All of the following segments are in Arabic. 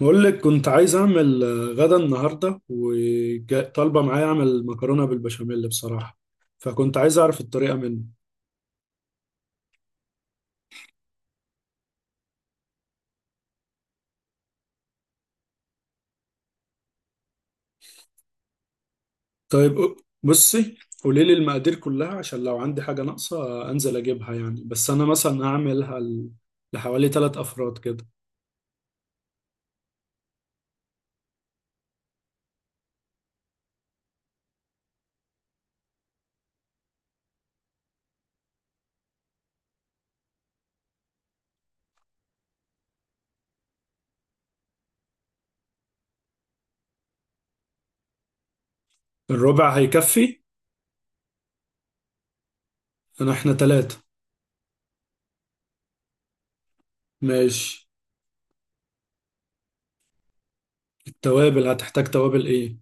بقول لك كنت عايز اعمل غدا النهارده، وطالبه معايا اعمل مكرونه بالبشاميل بصراحه. فكنت عايز اعرف الطريقه منه. طيب، بصي، قولي لي المقادير كلها عشان لو عندي حاجه ناقصه، انزل اجيبها، يعني بس انا مثلا هعملها لحوالي 3 افراد كده. الربع هيكفي. انا احنا 3. ماشي. التوابل هتحتاج توابل ايه؟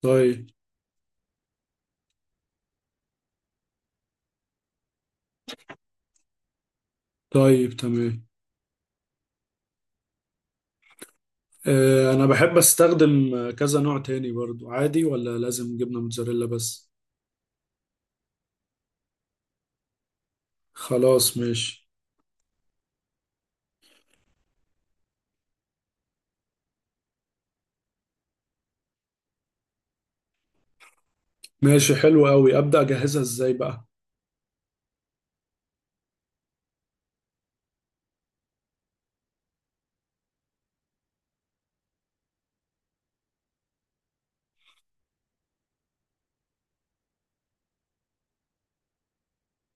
طيب. طيب تمام. انا بحب استخدم كذا نوع تاني برضو، عادي ولا لازم جبنه موتزاريلا بس؟ خلاص ماشي. ماشي حلو قوي، ابدا اجهزها ازاي بقى؟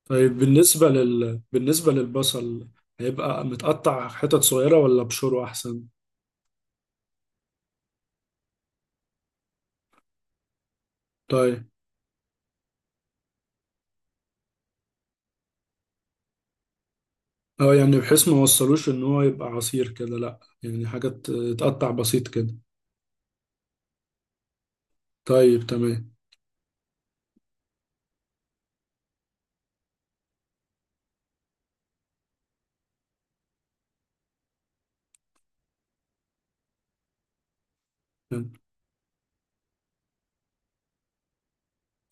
طيب، بالنسبه للبصل، هيبقى متقطع حتت صغيره ولا بشوره احسن؟ طيب. اه يعني بحيث ما وصلوش ان هو يبقى عصير كده، لا يعني حاجات تقطع بسيط كده. طيب تمام.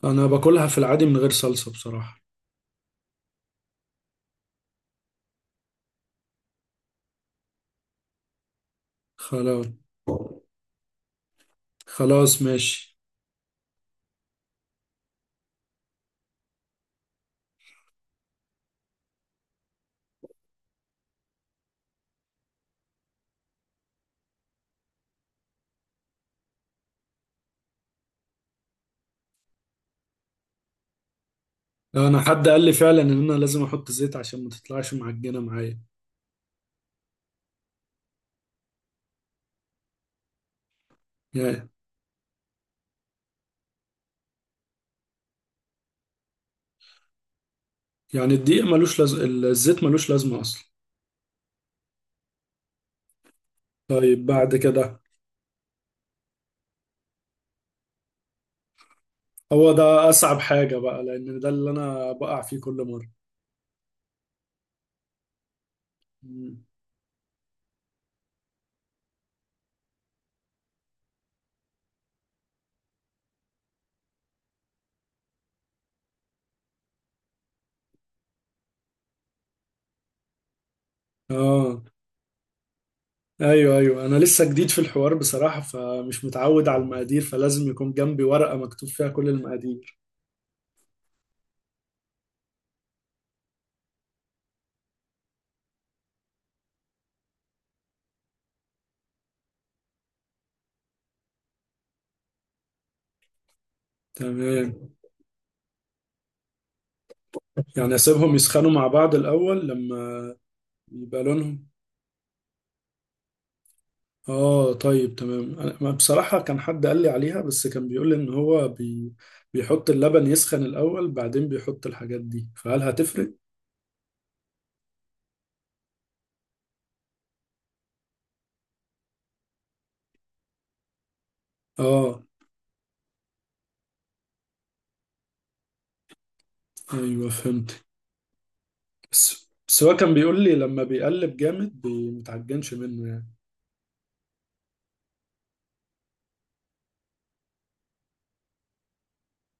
انا باكلها في العادي من غير صلصه بصراحه. خلاص. خلاص ماشي. انا حد قال لي فعلا ان انا لازم احط زيت عشان ما تطلعش معجنه معايا. يعني، الدقيق ملوش لازم، الزيت ملوش لازمه اصلا. طيب بعد كده. هو ده أصعب حاجة بقى، لأن ده اللي أنا بقع فيه كل مرة. مم. آه. أيوه أيوه، أنا لسه جديد في الحوار بصراحة، فمش متعود على المقادير، فلازم يكون جنبي ورقة مكتوب فيها كل المقادير. تمام. يعني أسيبهم يسخنوا مع بعض الأول لما يبقى لونهم. آه طيب تمام، أنا ما بصراحة كان حد قال لي عليها، بس كان بيقول لي إن هو بيحط اللبن يسخن الأول، بعدين بيحط الحاجات دي، فهل هتفرق؟ آه. أيوه فهمت. بس هو كان بيقول لي لما بيقلب جامد متعجنش منه يعني.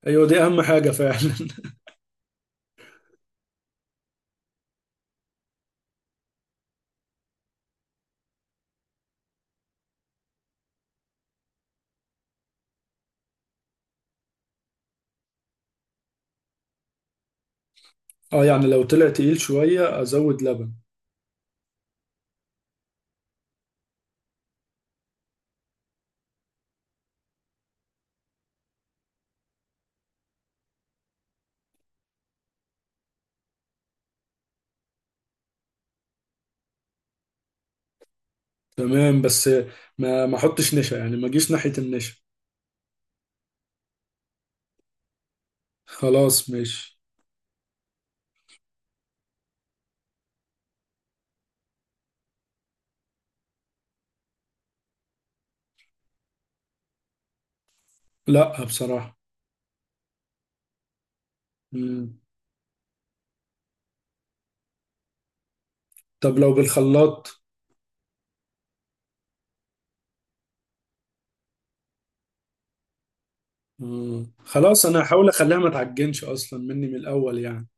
ايوه دي اهم حاجه فعلا اه يعني لو طلع تقيل شويه ازود لبن. تمام. بس ما احطش نشا، يعني ما اجيش ناحيه النشا. خلاص ماشي. لا بصراحه. مم. طب لو بالخلاط؟ مم. خلاص انا هحاول اخليها ما تعجنش اصلا مني من الاول يعني.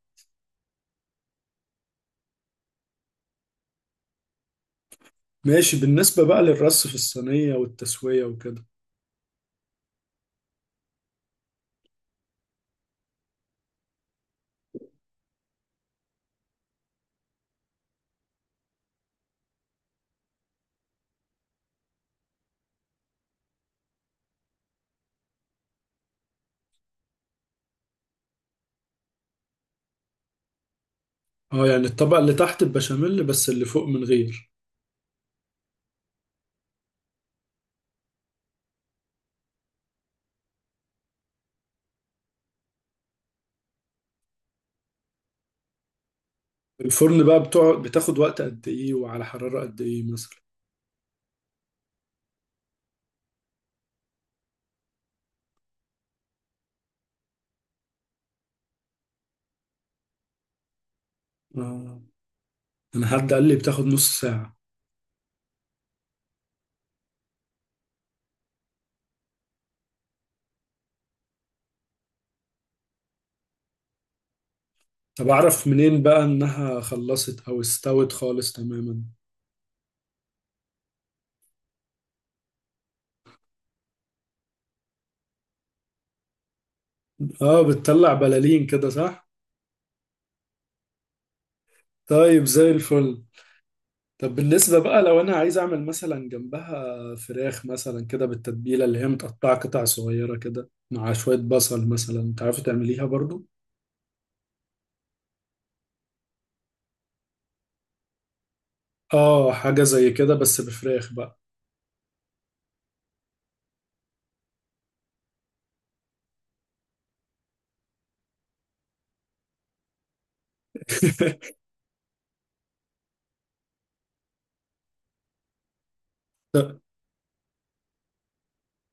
ماشي. بالنسبه بقى للرص في الصينيه والتسويه وكده. اه يعني الطبقه اللي تحت البشاميل بس، اللي فوق من غير. الفرن بقى بتوع بتاخد وقت قد ايه وعلى حرارة قد ايه مثلا؟ آه. انا حد قال لي بتاخد نص ساعة. طب اعرف منين بقى انها خلصت او استوت خالص تماما؟ اه بتطلع بلالين كده صح؟ طيب زي الفل. طب بالنسبة بقى، لو انا عايز اعمل مثلا جنبها فراخ مثلا كده بالتتبيلة، اللي هي متقطعة قطع صغيرة كده مع شوية بصل مثلا، تعرفي تعمليها برضو؟ اه حاجة زي كده بس بفراخ بقى.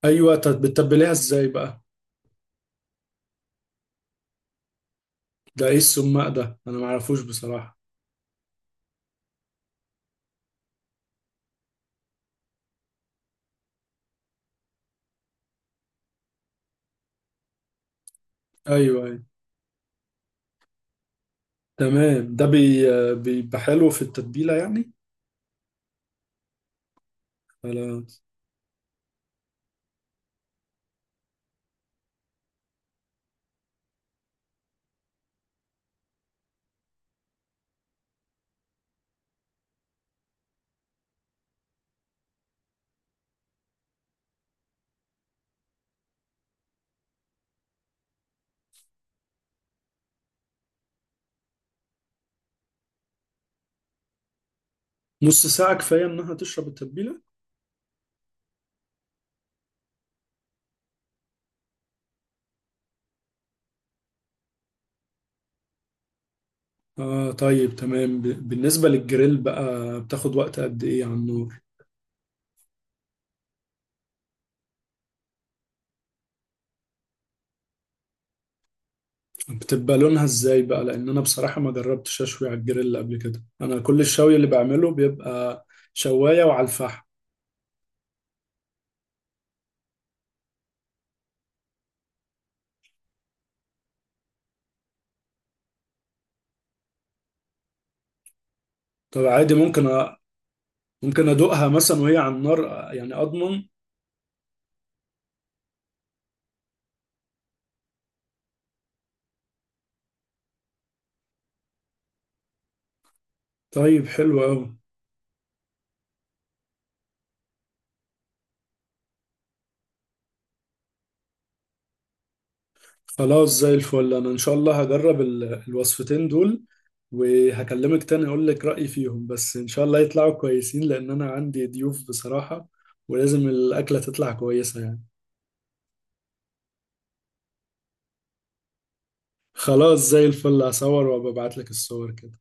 ايوه، طب بتتبليها ازاي بقى؟ ده ايه السماق ده، انا ما اعرفوش بصراحة. ايوه ايوه. تمام، ده بي بيبقى حلو في التتبيلة يعني. على. نص ساعة كفاية انها تشرب التتبيلة؟ اه طيب تمام. بالنسبة للجريل بقى، بتاخد وقت قد ايه على النار؟ بتبقى لونها ازاي بقى، لان انا بصراحة ما جربتش اشوي على الجريل قبل كده، انا كل الشوي اللي بعمله بيبقى شواية وعلى الفحم. طب عادي ممكن ممكن ادوقها مثلا وهي على النار، يعني اضمن. طيب حلو قوي. خلاص زي الفل، انا ان شاء الله هجرب الوصفتين دول، وهكلمك تاني اقول لك رأيي فيهم، بس ان شاء الله يطلعوا كويسين لان انا عندي ضيوف بصراحة، ولازم الاكلة تطلع كويسة يعني. خلاص زي الفل، هصور وابعت لك الصور كده.